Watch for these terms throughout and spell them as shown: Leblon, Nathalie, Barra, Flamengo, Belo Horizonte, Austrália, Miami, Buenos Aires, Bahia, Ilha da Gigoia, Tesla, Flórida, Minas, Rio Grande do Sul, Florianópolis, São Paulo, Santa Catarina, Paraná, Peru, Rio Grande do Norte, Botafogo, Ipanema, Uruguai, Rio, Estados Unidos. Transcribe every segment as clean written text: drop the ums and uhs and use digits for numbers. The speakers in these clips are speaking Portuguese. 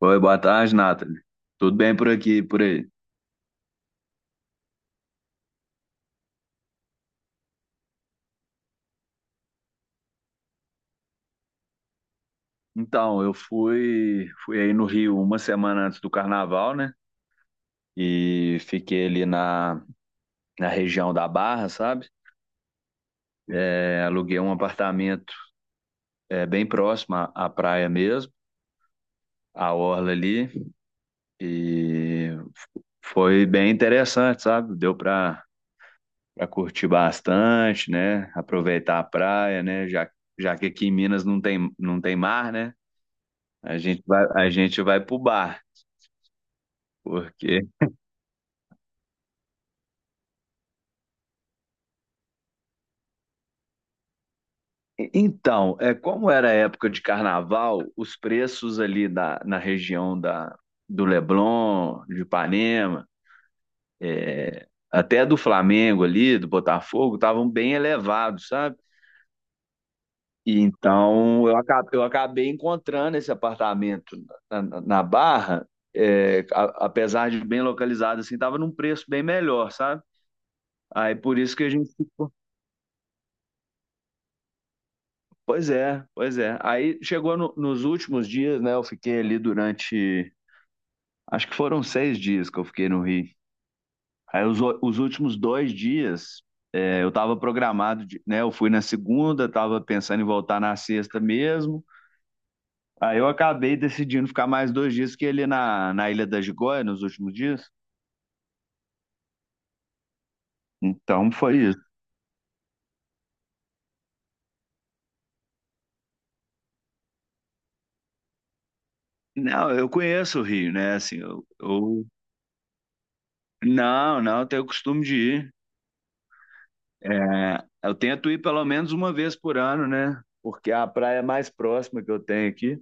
Oi, boa tarde, Nathalie. Tudo bem por aqui, e por aí? Então, eu fui aí no Rio uma semana antes do carnaval, né? E fiquei ali na região da Barra, sabe? Aluguei um apartamento, bem próximo à praia mesmo, à orla ali. E foi bem interessante, sabe? Deu para curtir bastante, né? Aproveitar a praia, né? Já que aqui em Minas não tem mar, né? A gente vai pro bar. Porque... Então, como era a época de carnaval, os preços ali da na região do Leblon, de Ipanema, até do Flamengo ali, do Botafogo, estavam bem elevados, sabe? E então eu acabei encontrando esse apartamento na Barra, apesar de bem localizado, assim, estava num preço bem melhor, sabe? Aí por isso que a gente. Pois é, pois é. Aí chegou nos últimos dias, né? Eu fiquei ali durante. Acho que foram 6 dias que eu fiquei no Rio. Aí os últimos 2 dias, eu estava programado, né? Eu fui na segunda, estava pensando em voltar na sexta mesmo. Aí eu acabei decidindo ficar mais 2 dias que ele na Ilha da Gigoia nos últimos dias. Então foi isso. Não, eu conheço o Rio, né? Assim, eu. Não, não, eu tenho o costume de ir. Eu tento ir pelo menos uma vez por ano, né? Porque é a praia mais próxima que eu tenho aqui.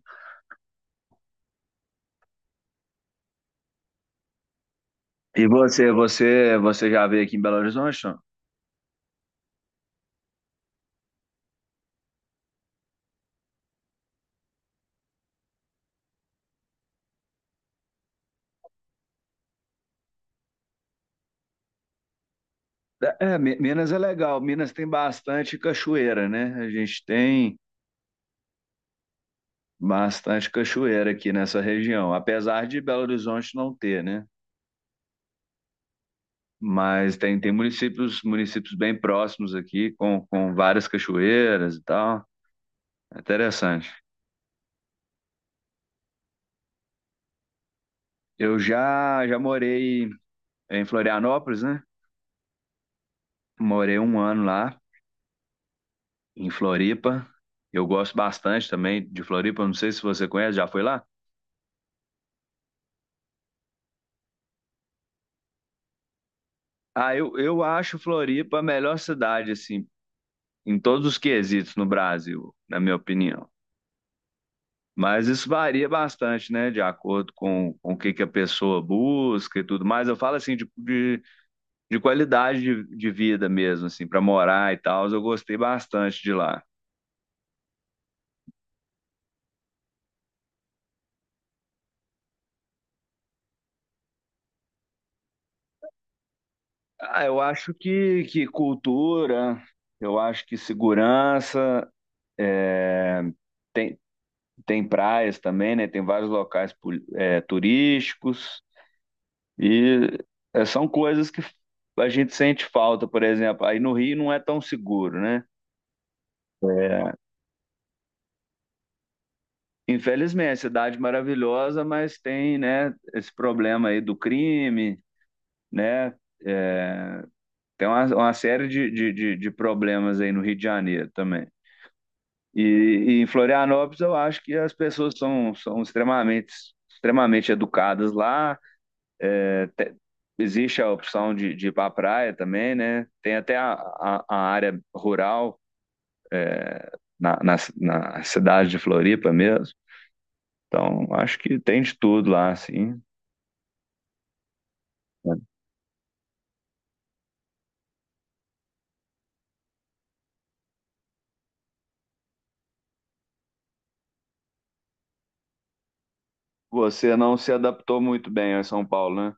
E você já veio aqui em Belo Horizonte? Não? Minas é legal. Minas tem bastante cachoeira, né? A gente tem bastante cachoeira aqui nessa região, apesar de Belo Horizonte não ter, né? Mas tem municípios, municípios bem próximos aqui, com várias cachoeiras e tal. É interessante. Eu já morei em Florianópolis, né? Morei um ano lá, em Floripa. Eu gosto bastante também de Floripa. Não sei se você conhece, já foi lá? Ah, eu acho Floripa a melhor cidade, assim, em todos os quesitos no Brasil, na minha opinião. Mas isso varia bastante, né, de acordo com o que a pessoa busca e tudo mais. Eu falo, assim, de qualidade de vida mesmo, assim, para morar e tal. Eu gostei bastante de lá. Ah, eu acho que cultura, eu acho que segurança. É, tem, tem praias também, né? Tem vários locais turísticos e são coisas que a gente sente falta, por exemplo. Aí no Rio não é tão seguro, né? Infelizmente, é cidade maravilhosa, mas tem, né, esse problema aí do crime, né? É, Tem uma série de problemas aí no Rio de Janeiro também. E em Florianópolis eu acho que as pessoas são extremamente, extremamente educadas lá. Te- Existe a opção de ir para a praia também, né? Tem até a área rural na cidade de Floripa mesmo. Então, acho que tem de tudo lá, assim. Você não se adaptou muito bem a São Paulo, né?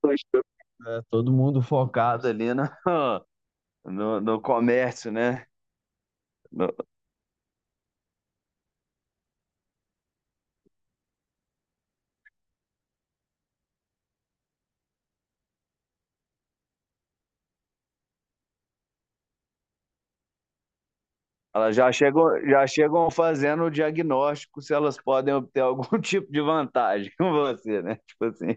Pois é, todo mundo focado ali no, no comércio, né? No- Elas já chegam fazendo o diagnóstico se elas podem obter algum tipo de vantagem com você, né? Tipo assim.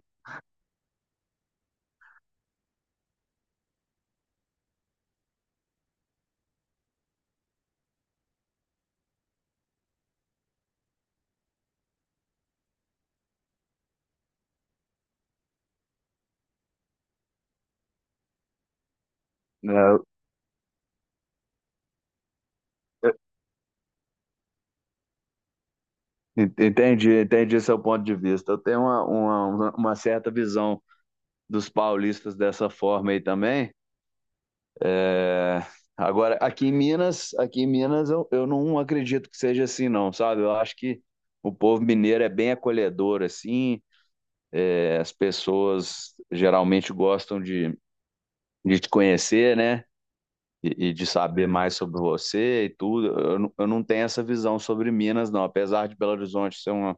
Né? Entendi, entendi seu ponto de vista. Eu tenho uma certa visão dos paulistas dessa forma aí também. É, Agora, aqui em Minas eu não acredito que seja assim, não, sabe? Eu acho que o povo mineiro é bem acolhedor, assim. As pessoas geralmente gostam de te conhecer, né? E de saber mais sobre você e tudo. Eu não tenho essa visão sobre Minas, não. Apesar de Belo Horizonte ser uma,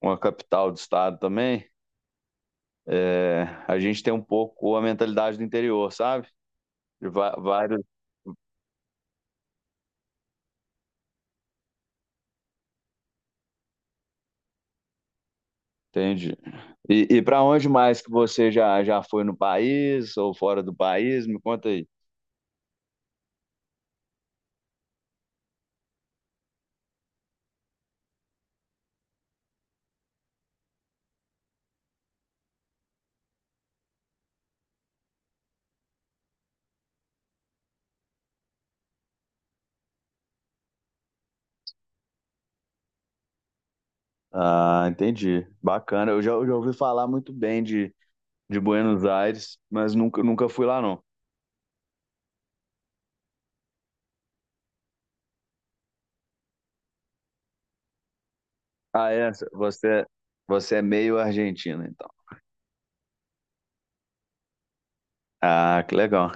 uma capital do estado também, a gente tem um pouco a mentalidade do interior, sabe? Vários, entende? E para onde mais que você já foi no país ou fora do país? Me conta aí. Ah, entendi. Bacana. Eu já ouvi falar muito bem de Buenos Aires, mas nunca fui lá, não. Ah, é? Você é meio argentino, então. Ah, que legal.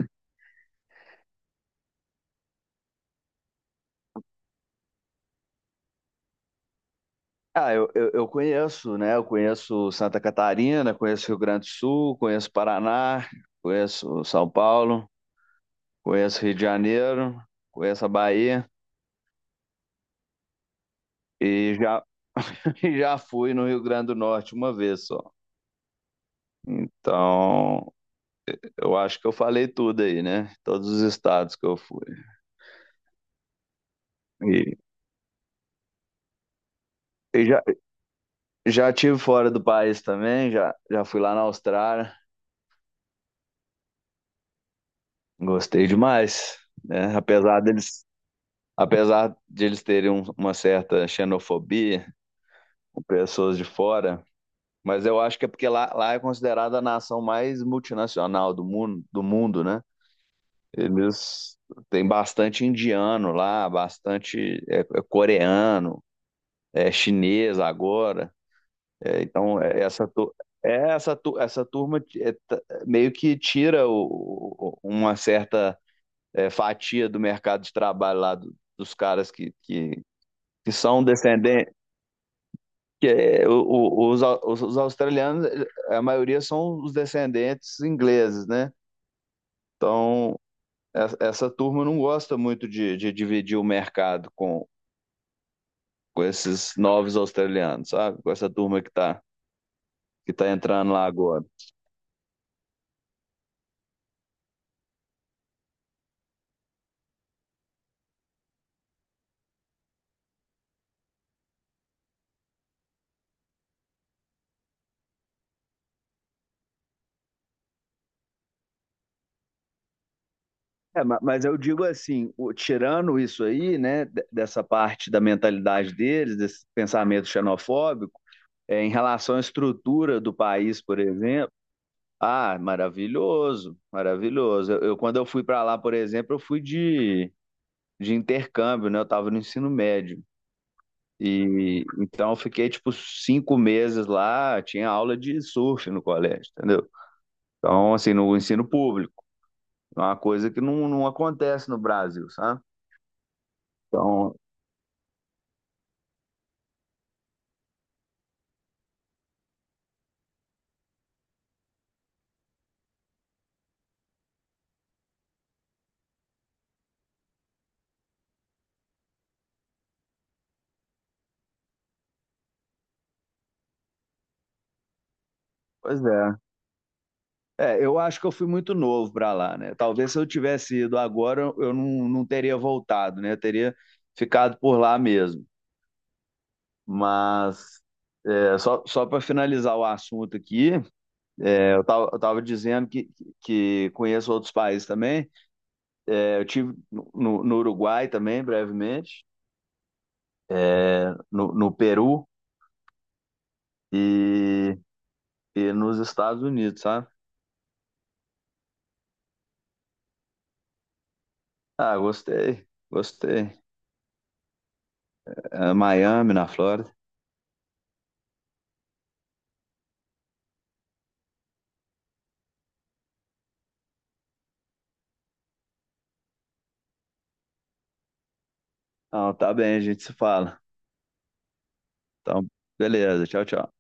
Ah, eu conheço, né? Eu conheço Santa Catarina, conheço Rio Grande do Sul, conheço Paraná, conheço São Paulo. Conheço Rio de Janeiro, conheço a Bahia e já, e já fui no Rio Grande do Norte uma vez só. Então, eu acho que eu falei tudo aí, né? Todos os estados que eu fui. E, e já tive fora do país também, já fui lá na Austrália, gostei demais, né? Apesar deles, apesar de eles terem uma certa xenofobia com pessoas de fora, mas eu acho que é porque lá é considerada a nação mais multinacional do mundo, né? Eles têm bastante indiano lá, bastante coreano, chinês agora. Então, essa turma meio que tira uma certa fatia do mercado de trabalho lá dos caras que são descendentes. Que, é, o- os, au- os australianos, a maioria são os descendentes ingleses, né? Então, essa turma não gosta muito de dividir o mercado com esses novos australianos, sabe? Com essa turma que tá entrando lá agora. Mas eu digo assim, tirando isso aí, né, dessa parte da mentalidade deles, desse pensamento xenofóbico, em relação à estrutura do país, por exemplo, ah, maravilhoso, maravilhoso. Quando eu fui para lá, por exemplo, eu fui de intercâmbio, né, eu estava no ensino médio. E então eu fiquei tipo 5 meses lá, tinha aula de surf no colégio, entendeu? Então, assim, no ensino público, é uma coisa que não acontece no Brasil, sabe? Então, pois é. Eu acho que eu fui muito novo para lá, né? Talvez se eu tivesse ido agora, eu não teria voltado, né? Eu teria ficado por lá mesmo. Mas, só para finalizar o assunto aqui, eu tava dizendo que conheço outros países também. Eu tive no Uruguai também, brevemente, no Peru e, e nos Estados Unidos, sabe? Ah, gostei, gostei. Miami, na Flórida. Então, tá bem, a gente se fala. Então, beleza, tchau, tchau.